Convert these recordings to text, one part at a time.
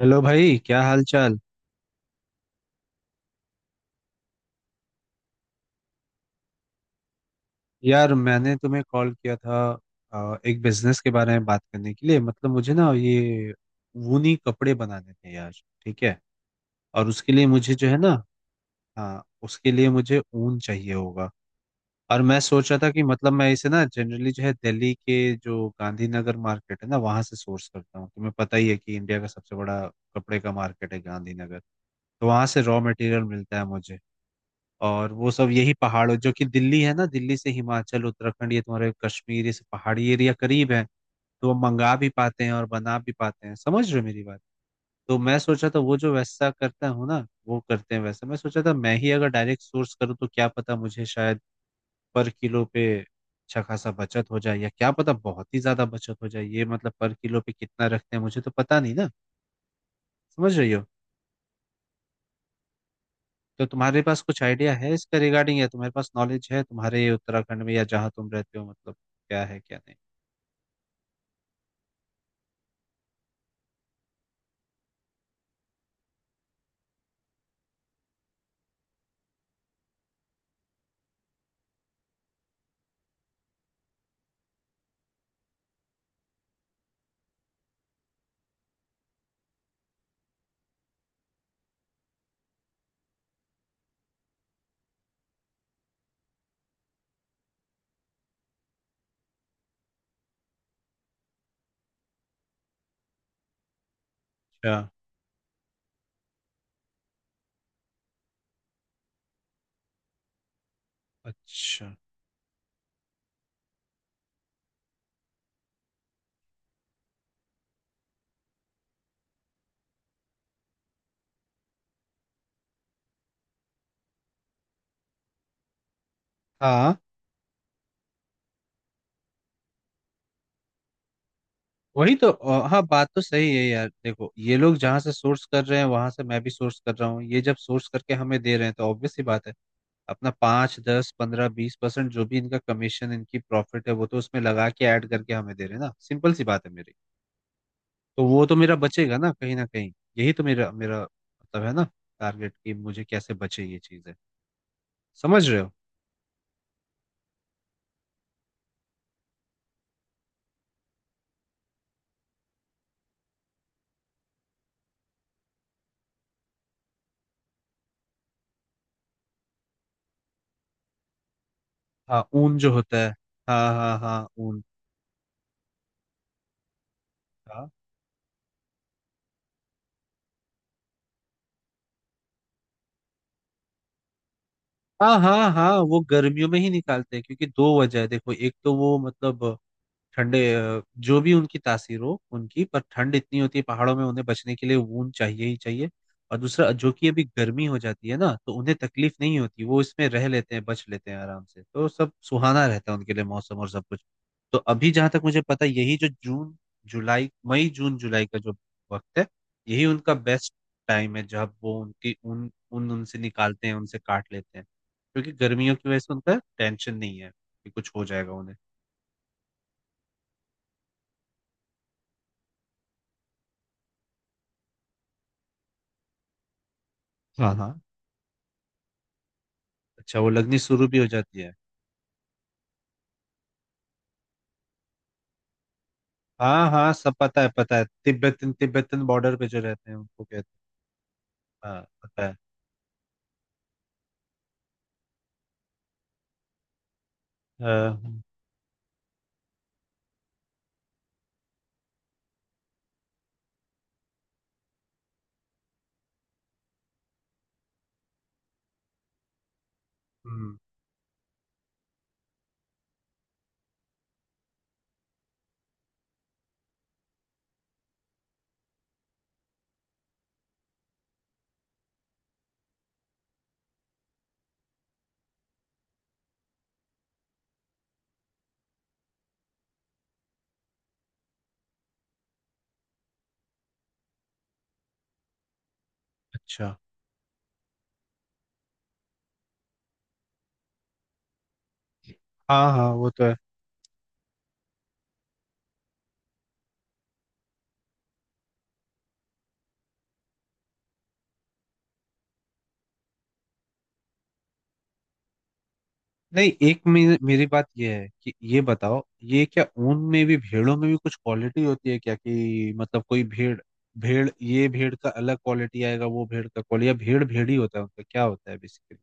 Hello भाई, क्या हाल चाल। यार मैंने तुम्हें कॉल किया था, एक बिजनेस के बारे में बात करने के लिए। मतलब मुझे ना ये ऊनी कपड़े बनाने थे यार। ठीक है। और उसके लिए मुझे जो है ना। हाँ, उसके लिए मुझे ऊन चाहिए होगा। और मैं सोच रहा था कि मतलब मैं इसे ना जनरली जो है दिल्ली के जो गांधीनगर मार्केट है ना वहां से सोर्स करता हूँ। तुम्हें पता ही है कि इंडिया का सबसे बड़ा कपड़े का मार्केट है गांधीनगर। तो वहां से रॉ मटेरियल मिलता है मुझे। और वो सब यही पहाड़ों, जो कि दिल्ली है ना, दिल्ली से हिमाचल, उत्तराखंड, ये तुम्हारे कश्मीर, ये सब पहाड़ी एरिया करीब है। तो वो मंगा भी पाते हैं और बना भी पाते हैं। समझ रहे हो मेरी बात? तो मैं सोचा था वो जो वैसा करता हूँ ना वो करते हैं वैसा, मैं सोचा था मैं ही अगर डायरेक्ट सोर्स करूँ तो क्या पता मुझे शायद पर किलो पे अच्छा खासा बचत हो जाए, या क्या पता बहुत ही ज्यादा बचत हो जाए। ये मतलब पर किलो पे कितना रखते हैं मुझे तो पता नहीं ना। समझ रही हो? तो तुम्हारे पास कुछ आइडिया है इसका रिगार्डिंग, या तुम्हारे पास नॉलेज है तुम्हारे उत्तराखंड में या जहाँ तुम रहते हो, मतलब क्या है क्या नहीं। अच्छा। अच्छा। हाँ, वही तो। हाँ, बात तो सही है यार। देखो ये लोग जहाँ से सोर्स कर रहे हैं वहां से मैं भी सोर्स कर रहा हूँ। ये जब सोर्स करके हमें दे रहे हैं तो ऑब्वियस ही बात है, अपना 5 10 15 20% जो भी इनका कमीशन, इनकी प्रॉफिट है, वो तो उसमें लगा के ऐड करके हमें दे रहे हैं ना। सिंपल सी बात है मेरी। तो वो तो मेरा बचेगा ना कहीं ना कहीं। यही तो मेरा मेरा मतलब है ना, टारगेट, कि मुझे कैसे बचे ये चीज। समझ रहे हो? हाँ, ऊन जो होता है। हाँ हाँ हाँ, ऊन। हाँ हाँ हाँ हाँ, वो गर्मियों में ही निकालते हैं क्योंकि दो वजह है। देखो, एक तो वो मतलब ठंडे, जो भी उनकी तासीर हो उनकी, पर ठंड इतनी होती है पहाड़ों में, उन्हें बचने के लिए ऊन चाहिए ही चाहिए। और दूसरा जो कि अभी गर्मी हो जाती है ना, तो उन्हें तकलीफ नहीं होती, वो इसमें रह लेते हैं, बच लेते हैं आराम से, तो सब सुहाना रहता है उनके लिए, मौसम और सब कुछ। तो अभी जहां तक मुझे पता है यही जो जून जुलाई, मई जून जुलाई का जो वक्त है, यही उनका बेस्ट टाइम है जब वो उनकी ऊन ऊन उनसे निकालते हैं, उनसे काट लेते हैं। क्योंकि गर्मियों की वजह से उनका टेंशन नहीं है कि कुछ हो जाएगा उन्हें। हाँ हाँ। अच्छा, वो लगनी शुरू भी हो जाती है? हाँ हाँ, सब पता है पता है, तिब्बतन तिब्बतन बॉर्डर पे जो रहते हैं उनको कहते हैं। हाँ, पता है। अ, हम्म, अच्छा। हाँ हाँ, वो तो है। नहीं, एक मेरी बात ये है कि ये बताओ, ये क्या ऊन में भी भेड़ों में भी कुछ क्वालिटी होती है क्या? कि मतलब कोई भेड़, भेड़ ये भेड़ का अलग क्वालिटी आएगा, वो भेड़ का क्वालिटी, या भेड़ भेड़ ही होता है, उनका क्या होता है बेसिकली?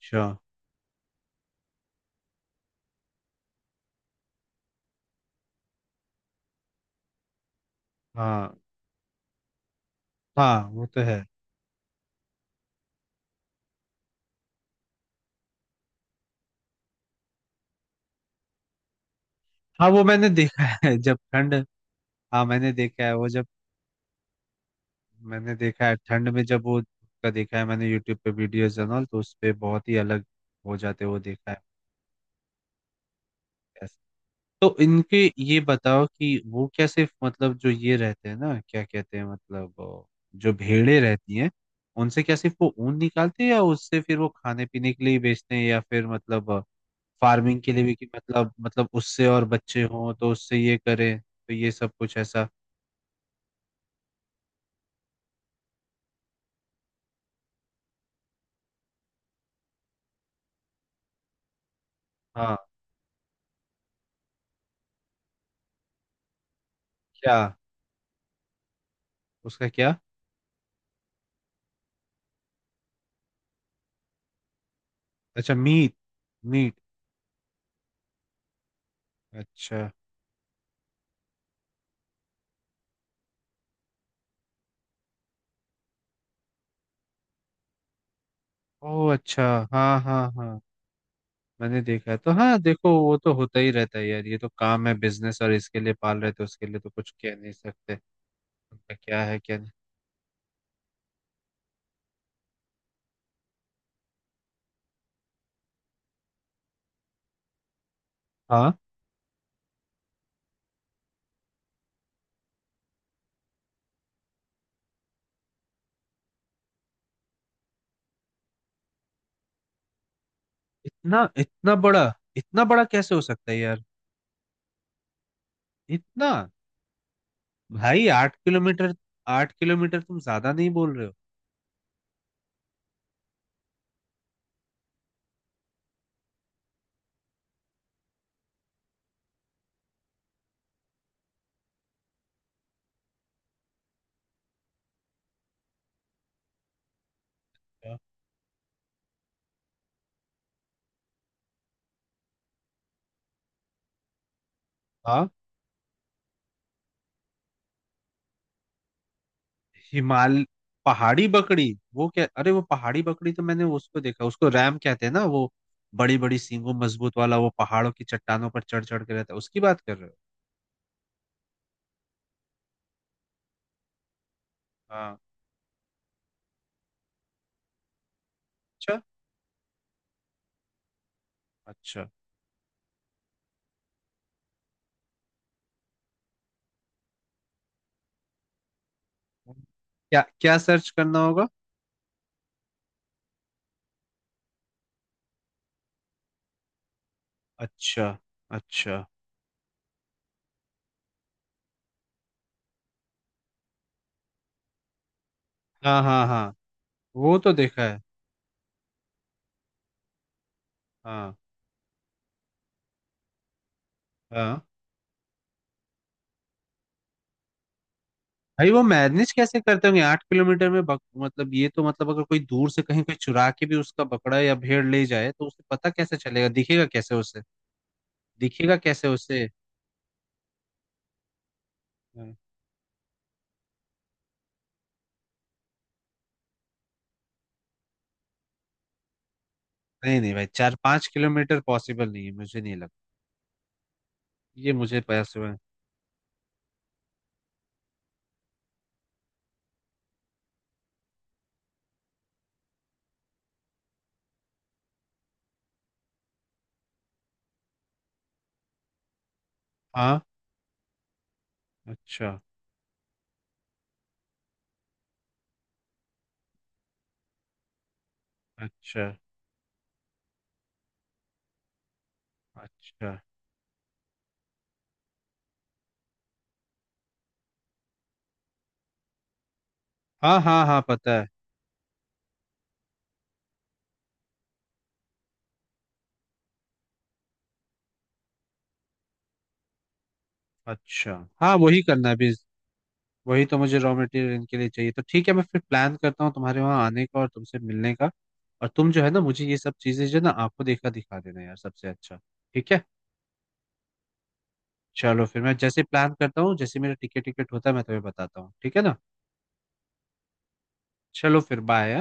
अच्छा। हाँ हाँ, वो तो है। हाँ, वो मैंने देखा है जब ठंड, हाँ मैंने देखा है, वो जब मैंने देखा है ठंड में, जब वो का देखा है मैंने यूट्यूब पे वीडियोस जनरल, तो उस पे बहुत ही अलग हो जाते हैं, वो देखा है ऐसे। तो इनके ये बताओ कि वो क्या सिर्फ, मतलब जो ये रहते हैं ना क्या कहते हैं मतलब, जो भेड़े रहती हैं, उनसे क्या सिर्फ वो ऊन निकालते हैं या उससे फिर वो खाने पीने के लिए ही बेचते हैं, या फिर मतलब फार्मिंग के लिए भी, कि मतलब मतलब उससे और बच्चे हों तो उससे ये करें, तो ये सब कुछ ऐसा? हाँ। क्या? उसका क्या? अच्छा, मीट। मीट। अच्छा। ओह अच्छा। हाँ हाँ हाँ, मैंने देखा है तो। हाँ, देखो वो तो होता ही रहता है यार, ये तो काम है, बिजनेस। और इसके लिए पाल रहे तो उसके लिए तो कुछ कह नहीं सकते, उनका क्या है क्या नहीं। हाँ। इतना इतना बड़ा, इतना बड़ा कैसे हो सकता है यार? इतना? भाई 8 किलोमीटर? आठ किलोमीटर, तुम ज्यादा नहीं बोल रहे हो? क्या? हाँ। हिमाल, पहाड़ी बकरी। वो क्या, अरे वो पहाड़ी बकरी तो मैंने उसको देखा, उसको रैम कहते हैं ना वो, बड़ी बड़ी सींगों मजबूत वाला, वो पहाड़ों की चट्टानों पर चढ़ चढ़ के रहता है, उसकी बात कर रहे हो? हाँ। अच्छा। अच्छा। क्या क्या सर्च करना होगा? अच्छा। अच्छा। हाँ हाँ हाँ, वो तो देखा है। हाँ। हाँ, भाई वो मैनेज कैसे करते होंगे 8 किलोमीटर में, मतलब ये तो मतलब अगर कोई दूर से कहीं कोई चुरा के भी उसका बकरा या भेड़ ले जाए तो उसे पता कैसे चलेगा, दिखेगा कैसे उसे, दिखेगा कैसे उसे? हाँ। नहीं नहीं भाई, 4 5 किलोमीटर पॉसिबल नहीं है, मुझे नहीं लगता। ये मुझे पता है। हाँ। अच्छा। अच्छा। अच्छा। हाँ हाँ हाँ, पता है। अच्छा। हाँ, वही करना है अभी। वही तो, मुझे रॉ मटेरियल इनके लिए चाहिए तो ठीक है, मैं फिर प्लान करता हूँ तुम्हारे वहाँ आने का और तुमसे मिलने का। और तुम जो है ना मुझे ये सब चीज़ें जो है ना आपको देखा दिखा देना यार, सबसे अच्छा। ठीक है। चलो फिर, मैं जैसे प्लान करता हूँ, जैसे मेरा टिकट टिकट होता है, मैं तुम्हें बताता हूँ। ठीक है ना? चलो फिर, बाय।